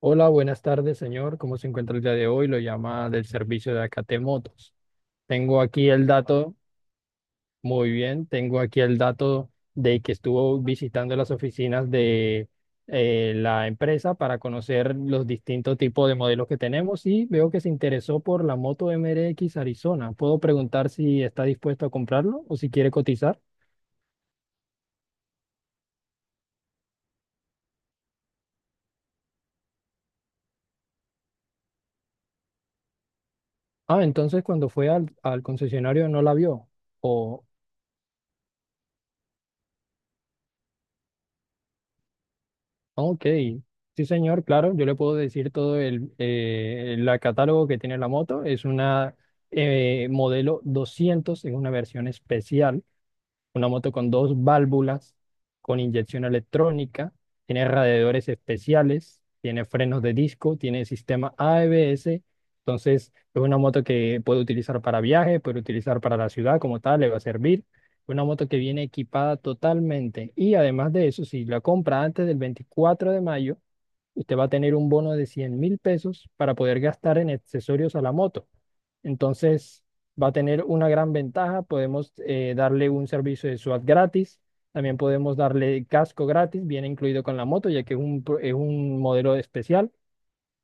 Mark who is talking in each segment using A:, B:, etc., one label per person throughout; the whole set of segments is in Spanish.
A: Hola, buenas tardes, señor. ¿Cómo se encuentra el día de hoy? Lo llama del servicio de Acate Motos. Tengo aquí el dato, Muy bien, tengo aquí el dato de que estuvo visitando las oficinas de la empresa para conocer los distintos tipos de modelos que tenemos y veo que se interesó por la moto MRX Arizona. ¿Puedo preguntar si está dispuesto a comprarlo o si quiere cotizar? Ah, entonces cuando fue al concesionario no la vio. O Ok, sí, señor, claro, yo le puedo decir todo el la catálogo que tiene la moto. Es una modelo doscientos, es una versión especial, una moto con dos válvulas, con inyección electrónica, tiene radiadores especiales, tiene frenos de disco, tiene sistema ABS. Entonces, es una moto que puede utilizar para viaje, puede utilizar para la ciudad como tal, le va a servir. Una moto que viene equipada totalmente. Y además de eso, si la compra antes del 24 de mayo, usted va a tener un bono de $100.000 para poder gastar en accesorios a la moto. Entonces, va a tener una gran ventaja. Podemos darle un servicio de SWAT gratis. También podemos darle casco gratis, viene incluido con la moto, ya que es un modelo especial.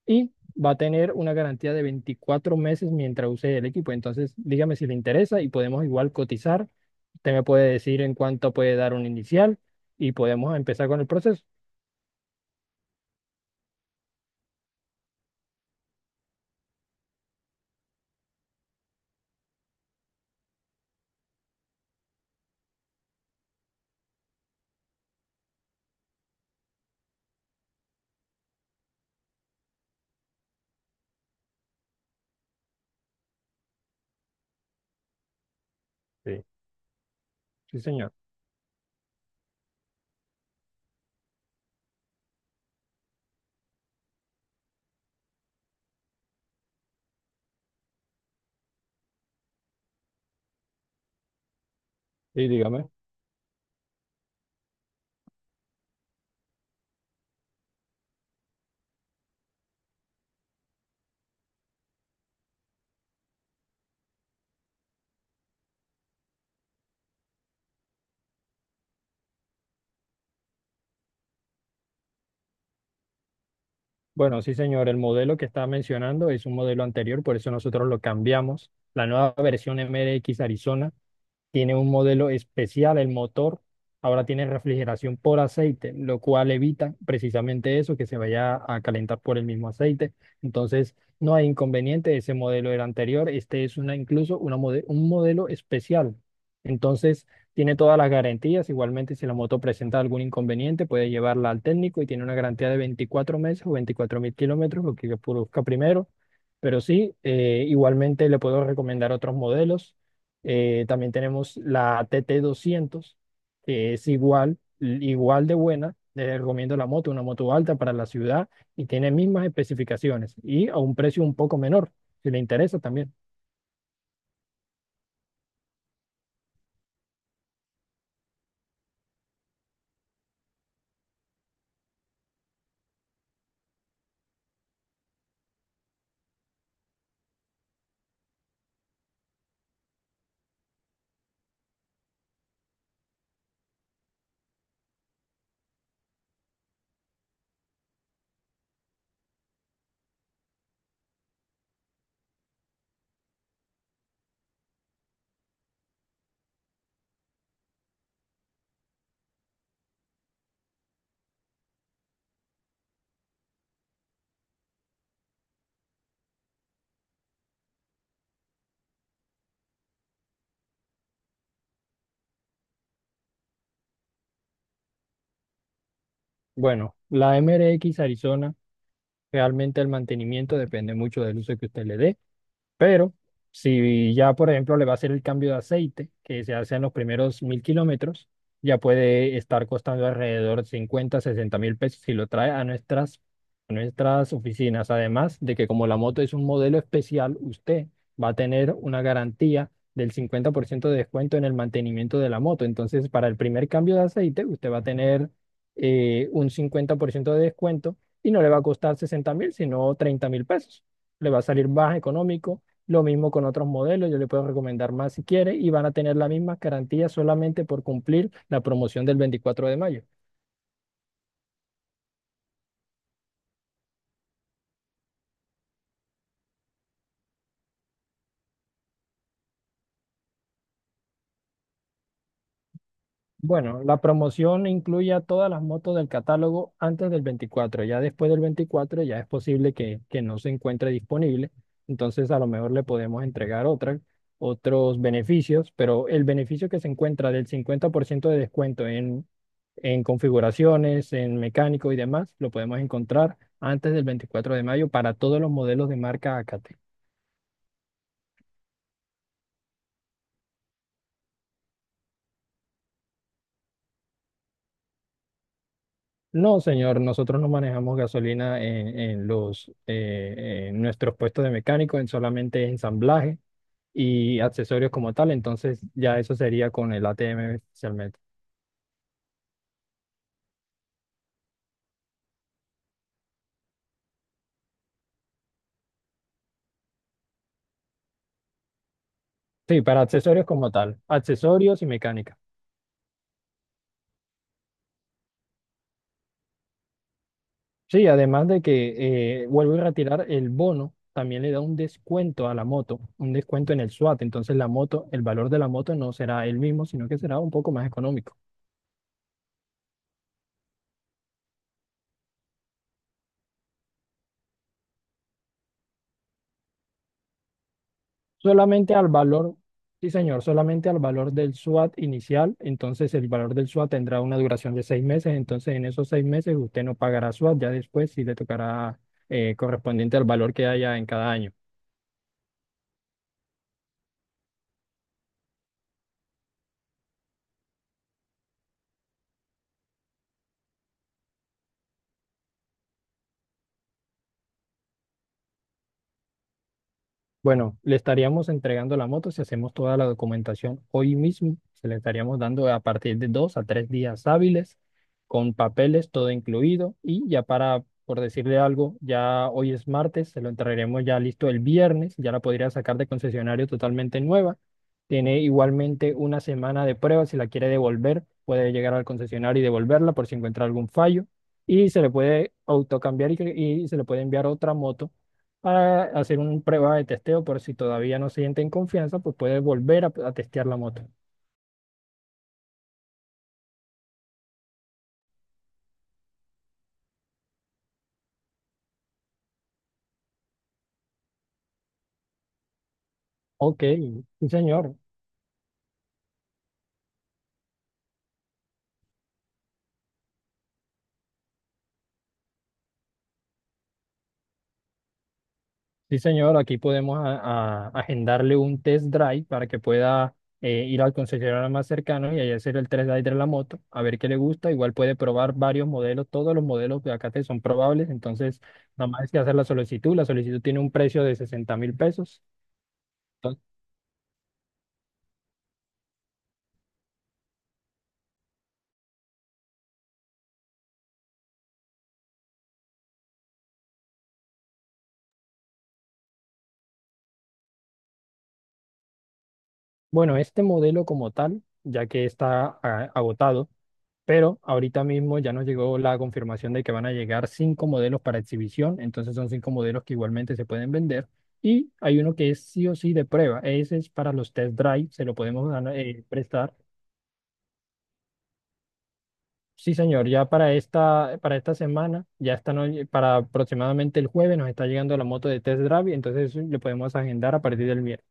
A: Y va a tener una garantía de 24 meses mientras use el equipo. Entonces, dígame si le interesa y podemos igual cotizar. Usted me puede decir en cuánto puede dar un inicial y podemos empezar con el proceso. Sí, sí, señor. Sí, dígame. Bueno, sí, señor, el modelo que estaba mencionando es un modelo anterior, por eso nosotros lo cambiamos. La nueva versión MRX Arizona tiene un modelo especial el motor. Ahora tiene refrigeración por aceite, lo cual evita precisamente eso, que se vaya a calentar por el mismo aceite. Entonces, no hay inconveniente. Ese modelo era anterior. Este es una, incluso un modelo especial. Entonces, tiene todas las garantías. Igualmente, si la moto presenta algún inconveniente, puede llevarla al técnico y tiene una garantía de 24 meses o 24.000 kilómetros, lo que produzca primero. Pero sí, igualmente le puedo recomendar otros modelos. También tenemos la TT doscientos, que es igual, igual de buena. Les recomiendo la moto, una moto alta para la ciudad, y tiene mismas especificaciones y a un precio un poco menor, si le interesa también. Bueno, la MRX Arizona, realmente el mantenimiento depende mucho del uso que usted le dé. Pero si ya, por ejemplo, le va a hacer el cambio de aceite, que se hace en los primeros 1.000 kilómetros, ya puede estar costando alrededor de 50, $60.000, si lo trae a nuestras oficinas. Además de que como la moto es un modelo especial, usted va a tener una garantía del 50% de descuento en el mantenimiento de la moto. Entonces, para el primer cambio de aceite, usted va a tener un 50% de descuento y no le va a costar 60.000, sino $30.000. Le va a salir más económico. Lo mismo con otros modelos, yo le puedo recomendar más si quiere y van a tener la misma garantía, solamente por cumplir la promoción del 24 de mayo. Bueno, la promoción incluye a todas las motos del catálogo antes del 24. Ya después del 24 ya es posible que no se encuentre disponible. Entonces a lo mejor le podemos entregar otras, otros beneficios, pero el beneficio que se encuentra del 50% de descuento en configuraciones, en mecánico y demás, lo podemos encontrar antes del 24 de mayo para todos los modelos de marca ACAT. No, señor, nosotros no manejamos gasolina en en nuestros puestos de mecánico, en solamente ensamblaje y accesorios como tal, entonces ya eso sería con el ATM especialmente. Sí, para accesorios como tal, accesorios y mecánica. Sí, además de que vuelvo a retirar el bono, también le da un descuento a la moto, un descuento en el SWAT. Entonces la moto, el valor de la moto no será el mismo, sino que será un poco más económico. Solamente al valor, sí, señor, solamente al valor del SWAT inicial. Entonces el valor del SWAT tendrá una duración de 6 meses. Entonces en esos 6 meses usted no pagará SWAT, ya después sí le tocará correspondiente al valor que haya en cada año. Bueno, le estaríamos entregando la moto si hacemos toda la documentación hoy mismo. Se le estaríamos dando a partir de 2 a 3 días hábiles, con papeles, todo incluido. Y ya para, por decirle algo, ya hoy es martes, se lo entregaremos ya listo el viernes. Ya la podría sacar de concesionario totalmente nueva. Tiene igualmente una semana de prueba. Si la quiere devolver, puede llegar al concesionario y devolverla por si encuentra algún fallo. Y se le puede autocambiar y se le puede enviar otra moto para hacer una prueba de testeo. Por si todavía no se sienten confianza, pues puede volver a testear la moto. Ok, sí, señor. Sí, señor, aquí podemos agendarle un test drive para que pueda ir al concesionario más cercano y ahí hacer el test drive de la moto, a ver qué le gusta. Igual puede probar varios modelos, todos los modelos de acá te son probables, entonces nada más es que hacer la solicitud. La solicitud tiene un precio de $60.000. Bueno, este modelo como tal, ya que está agotado. Pero ahorita mismo ya nos llegó la confirmación de que van a llegar cinco modelos para exhibición, entonces son cinco modelos que igualmente se pueden vender. Y hay uno que es sí o sí de prueba, ese es para los test drive, se lo podemos dar, prestar. Sí, señor, ya para para esta semana, ya está, para aproximadamente el jueves nos está llegando la moto de test drive, entonces eso le podemos agendar a partir del miércoles.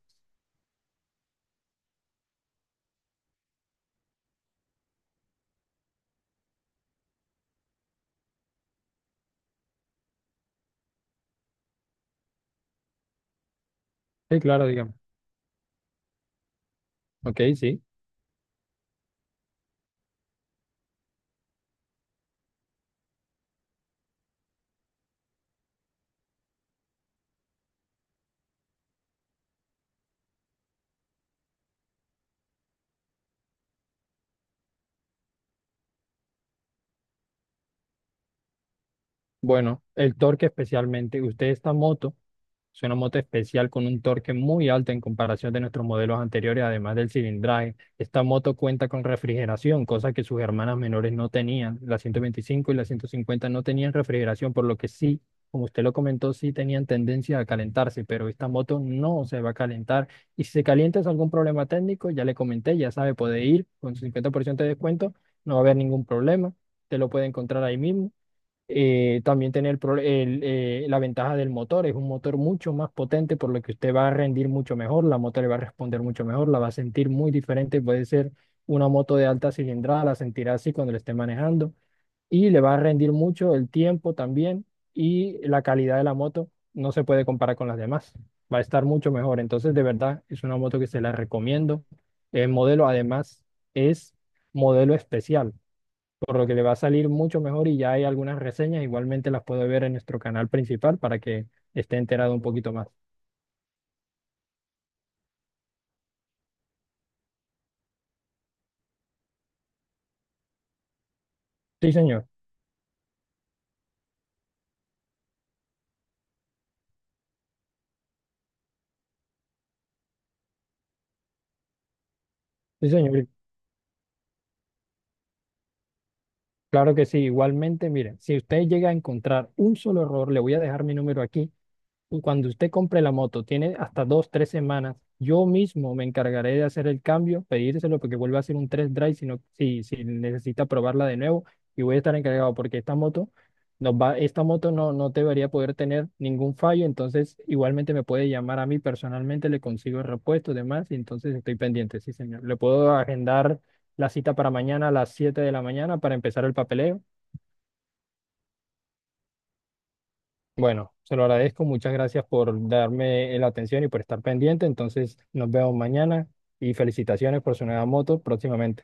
A: Sí, claro, digamos. Ok, sí. Bueno, el torque especialmente, usted esta moto. Es una moto especial con un torque muy alto en comparación de nuestros modelos anteriores, además del cilindraje. Esta moto cuenta con refrigeración, cosa que sus hermanas menores no tenían. La 125 y la 150 no tenían refrigeración, por lo que sí, como usted lo comentó, sí tenían tendencia a calentarse, pero esta moto no se va a calentar. Y si se calienta es algún problema técnico. Ya le comenté, ya sabe, puede ir con su 50% de descuento, no va a haber ningún problema. Te lo puede encontrar ahí mismo. También tiene la ventaja del motor. Es un motor mucho más potente, por lo que usted va a rendir mucho mejor, la moto le va a responder mucho mejor, la va a sentir muy diferente. Puede ser una moto de alta cilindrada, la sentirá así cuando la esté manejando, y le va a rendir mucho el tiempo también, y la calidad de la moto no se puede comparar con las demás. Va a estar mucho mejor, entonces de verdad es una moto que se la recomiendo. El modelo además es modelo especial, por lo que le va a salir mucho mejor, y ya hay algunas reseñas, igualmente las puede ver en nuestro canal principal para que esté enterado un poquito más. Sí, señor, sí, señor, claro que sí. Igualmente, miren, si usted llega a encontrar un solo error, le voy a dejar mi número aquí. Y cuando usted compre la moto, tiene hasta dos, tres semanas. Yo mismo me encargaré de hacer el cambio, pedírselo, porque vuelva a hacer un test drive si necesita probarla de nuevo. Y voy a estar encargado porque esta moto no, no debería poder tener ningún fallo. Entonces, igualmente me puede llamar a mí personalmente, le consigo el repuesto y demás. Y entonces estoy pendiente, sí, señor. Le puedo agendar la cita para mañana a las 7 de la mañana para empezar el papeleo. Bueno, se lo agradezco. Muchas gracias por darme la atención y por estar pendiente. Entonces, nos vemos mañana y felicitaciones por su nueva moto próximamente.